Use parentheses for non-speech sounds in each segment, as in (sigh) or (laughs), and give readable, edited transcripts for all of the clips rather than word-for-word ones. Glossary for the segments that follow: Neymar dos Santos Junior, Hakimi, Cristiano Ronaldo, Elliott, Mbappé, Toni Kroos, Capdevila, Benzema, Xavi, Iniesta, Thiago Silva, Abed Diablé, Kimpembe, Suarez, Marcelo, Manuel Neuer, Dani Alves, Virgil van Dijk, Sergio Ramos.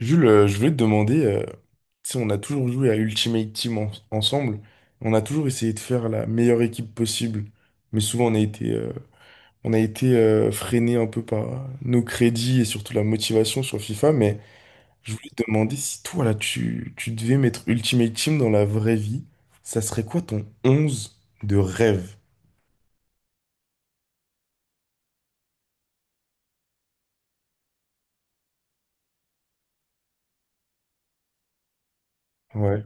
Jules, je voulais te demander, tu sais, on a toujours joué à Ultimate Team ensemble, on a toujours essayé de faire la meilleure équipe possible, mais souvent on a été freiné un peu par nos crédits et surtout la motivation sur FIFA, mais je voulais te demander si toi, là, tu devais mettre Ultimate Team dans la vraie vie, ça serait quoi ton 11 de rêve? Ouais.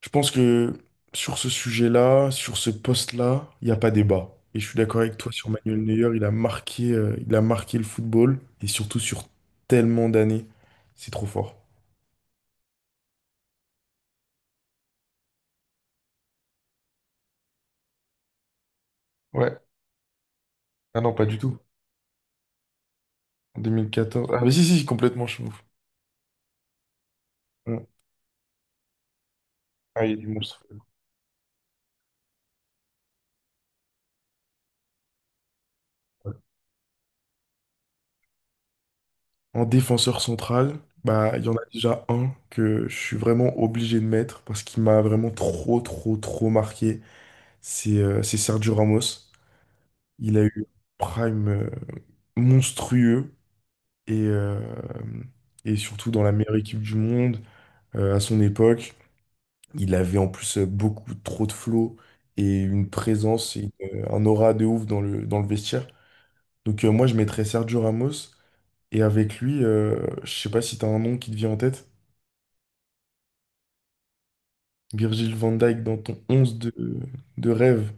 Je pense que sur ce sujet-là, sur ce poste-là, il n'y a pas débat. Et je suis d'accord avec toi sur Manuel Neuer, il a marqué le football, et surtout sur tellement d'années. C'est trop fort. Ouais. Ah non, pas du tout. En 2014, ah, mais si, si, complètement, je suis ouf. Mm. Ah, il est monstre. Ouais. En défenseur central, bah, il y en a déjà un que je suis vraiment obligé de mettre parce qu'il m'a vraiment trop, trop, trop marqué. C'est Sergio Ramos. Il a eu un prime monstrueux et, euh, et surtout dans la meilleure équipe du monde à son époque. Il avait en plus beaucoup trop de flow et une présence et un aura de ouf dans dans le vestiaire. Donc moi je mettrais Sergio Ramos et avec lui, je sais pas si t'as un nom qui te vient en tête, Virgil van Dijk dans ton onze de rêve.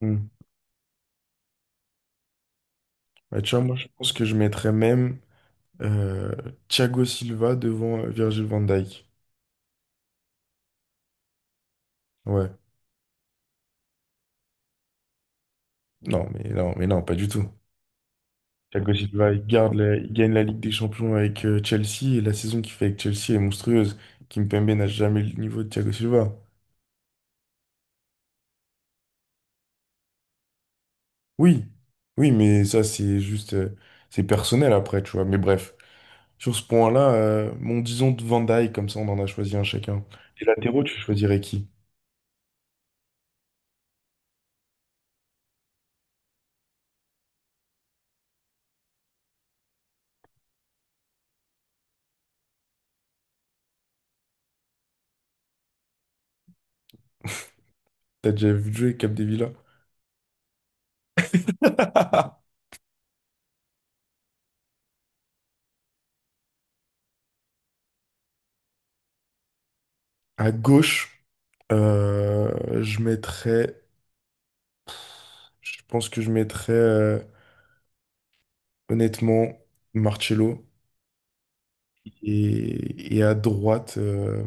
Hmm. Bah, tu vois, moi je pense que je mettrais même euh, Thiago Silva devant Virgil van Dijk. Ouais. Non, mais non, mais non, pas du tout. Thiago Silva, il gagne la Ligue des Champions avec Chelsea et la saison qu'il fait avec Chelsea est monstrueuse. Kimpembe n'a jamais le niveau de Thiago Silva. Oui, oui, mais ça, c'est personnel après, tu vois. Mais bref, sur ce point-là, mon disons de Van Dijk, comme ça, on en a choisi un chacun. Les latéraux, tu choisirais qui? T'as déjà vu jouer Capdevila? À gauche, euh, je mettrais, je pense que je mettrais, honnêtement, Marcelo. Et à droite,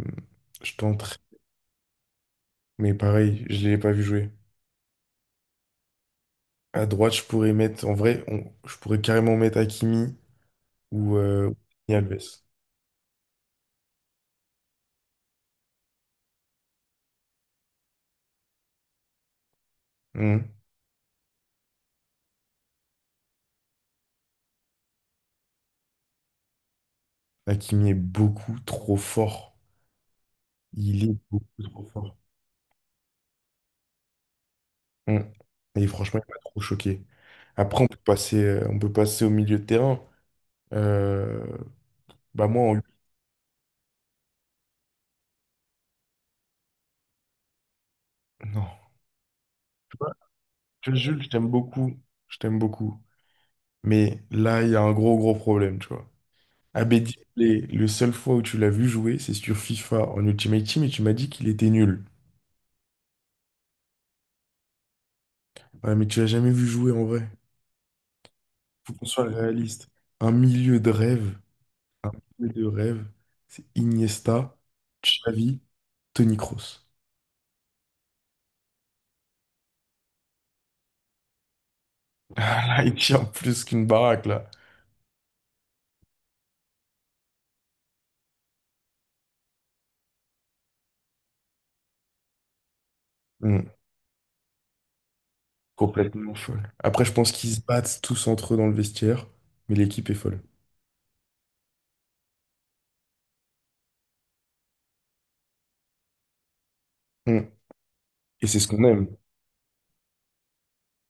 je tenterai. Mais pareil, je l'ai pas vu jouer. À droite, je pourrais carrément mettre Hakimi ou Dani Alves. Hmm. Hakimi est beaucoup trop fort. Il est beaucoup trop fort. Hmm. Et franchement, il m'a trop choqué. Après, on peut passer au milieu de terrain. Euh, bah moi, en... non. Tu vois, tu vois, Jules, je t'aime beaucoup. Je t'aime beaucoup. Mais là, il y a un gros, gros problème, tu vois. Abed Diablé, le seul fois où tu l'as vu jouer, c'est sur FIFA en Ultimate Team et tu m'as dit qu'il était nul. Ouais, mais tu l'as jamais vu jouer en vrai. Faut qu'on soit réaliste. Un milieu de rêve, un milieu de rêve, c'est Iniesta, Xavi, Toni Kroos. (laughs) Ah là, il tient plus qu'une baraque là. Hmm, complètement folle. Après, je pense qu'ils se battent tous entre eux dans le vestiaire, mais l'équipe est folle. Hmm, et c'est ce qu'on aime,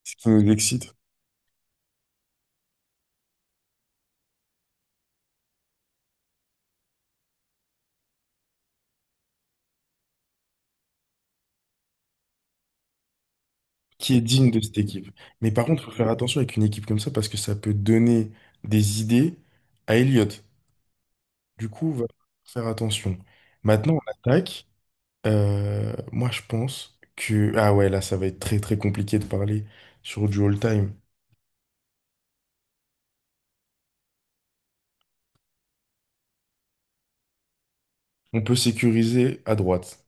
ce qui nous excite. Qui est digne de cette équipe. Mais par contre, il faut faire attention avec une équipe comme ça parce que ça peut donner des idées à Elliott. Du coup, va faire attention. Maintenant, on attaque. Moi, je pense que... Ah ouais, là, ça va être très très compliqué de parler sur du all-time. On peut sécuriser à droite.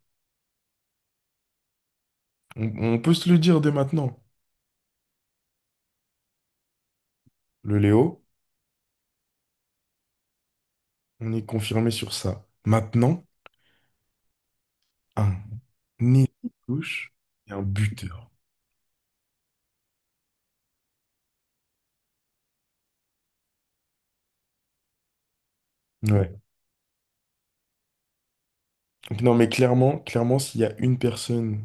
On, on peut se le dire dès maintenant. Le Léo, on est confirmé sur ça. Maintenant, un nez touche et un buteur. Ouais. Donc non, mais clairement, clairement, s'il y a une personne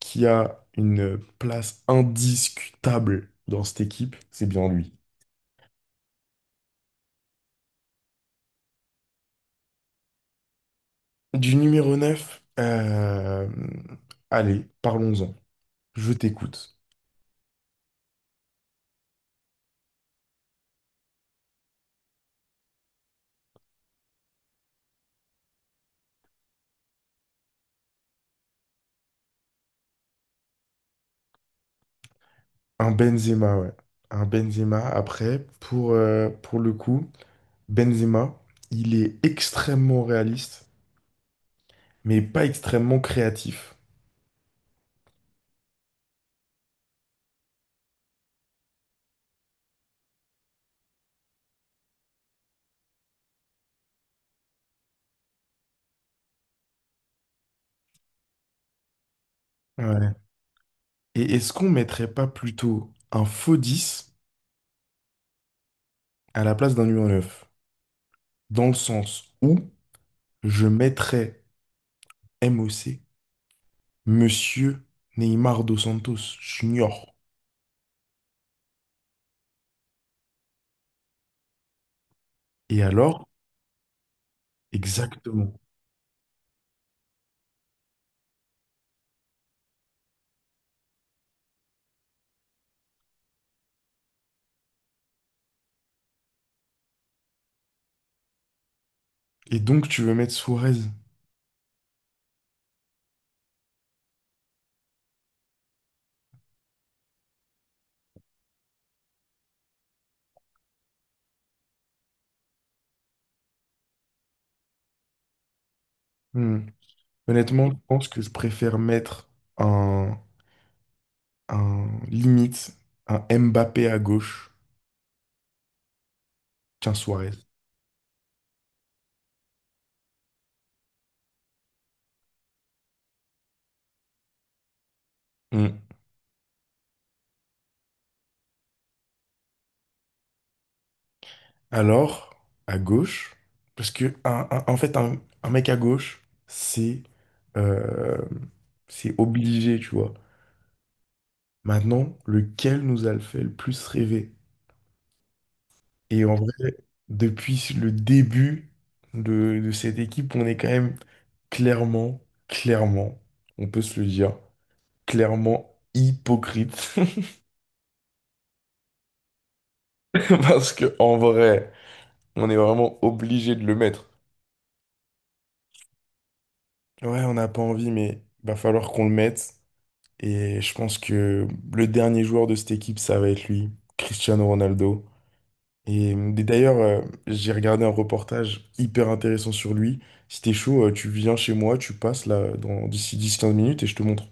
qui a une place indiscutable dans cette équipe, c'est bien lui. Du numéro 9, euh, allez, parlons-en. Je t'écoute. Un Benzema, ouais. Un Benzema, après, pour le coup, Benzema, il est extrêmement réaliste, mais pas extrêmement créatif. Ouais. Et est-ce qu'on mettrait pas plutôt un faux 10 à la place d'un numéro 9, dans le sens où... je mettrais MOC, Monsieur Neymar dos Santos Junior. Et alors? Exactement. Et donc, tu veux mettre Suarez? Hmm. Honnêtement, je pense que je préfère mettre un, un limite, un Mbappé à gauche qu'un Suarez. Hmm. Alors, à gauche, parce que un mec à gauche, c'est euh, c'est obligé, tu vois. Maintenant, lequel nous a le fait le plus rêver? Et en vrai, depuis le début de cette équipe, on est quand même clairement, clairement, on peut se le dire, clairement hypocrite. (laughs) Parce que en vrai, on est vraiment obligé de le mettre. Ouais, on n'a pas envie, mais va falloir qu'on le mette. Et je pense que le dernier joueur de cette équipe, ça va être lui, Cristiano Ronaldo. D'ailleurs, j'ai regardé un reportage hyper intéressant sur lui. Si t'es chaud, tu viens chez moi, tu passes là dans d'ici dix 15 minutes et je te montre.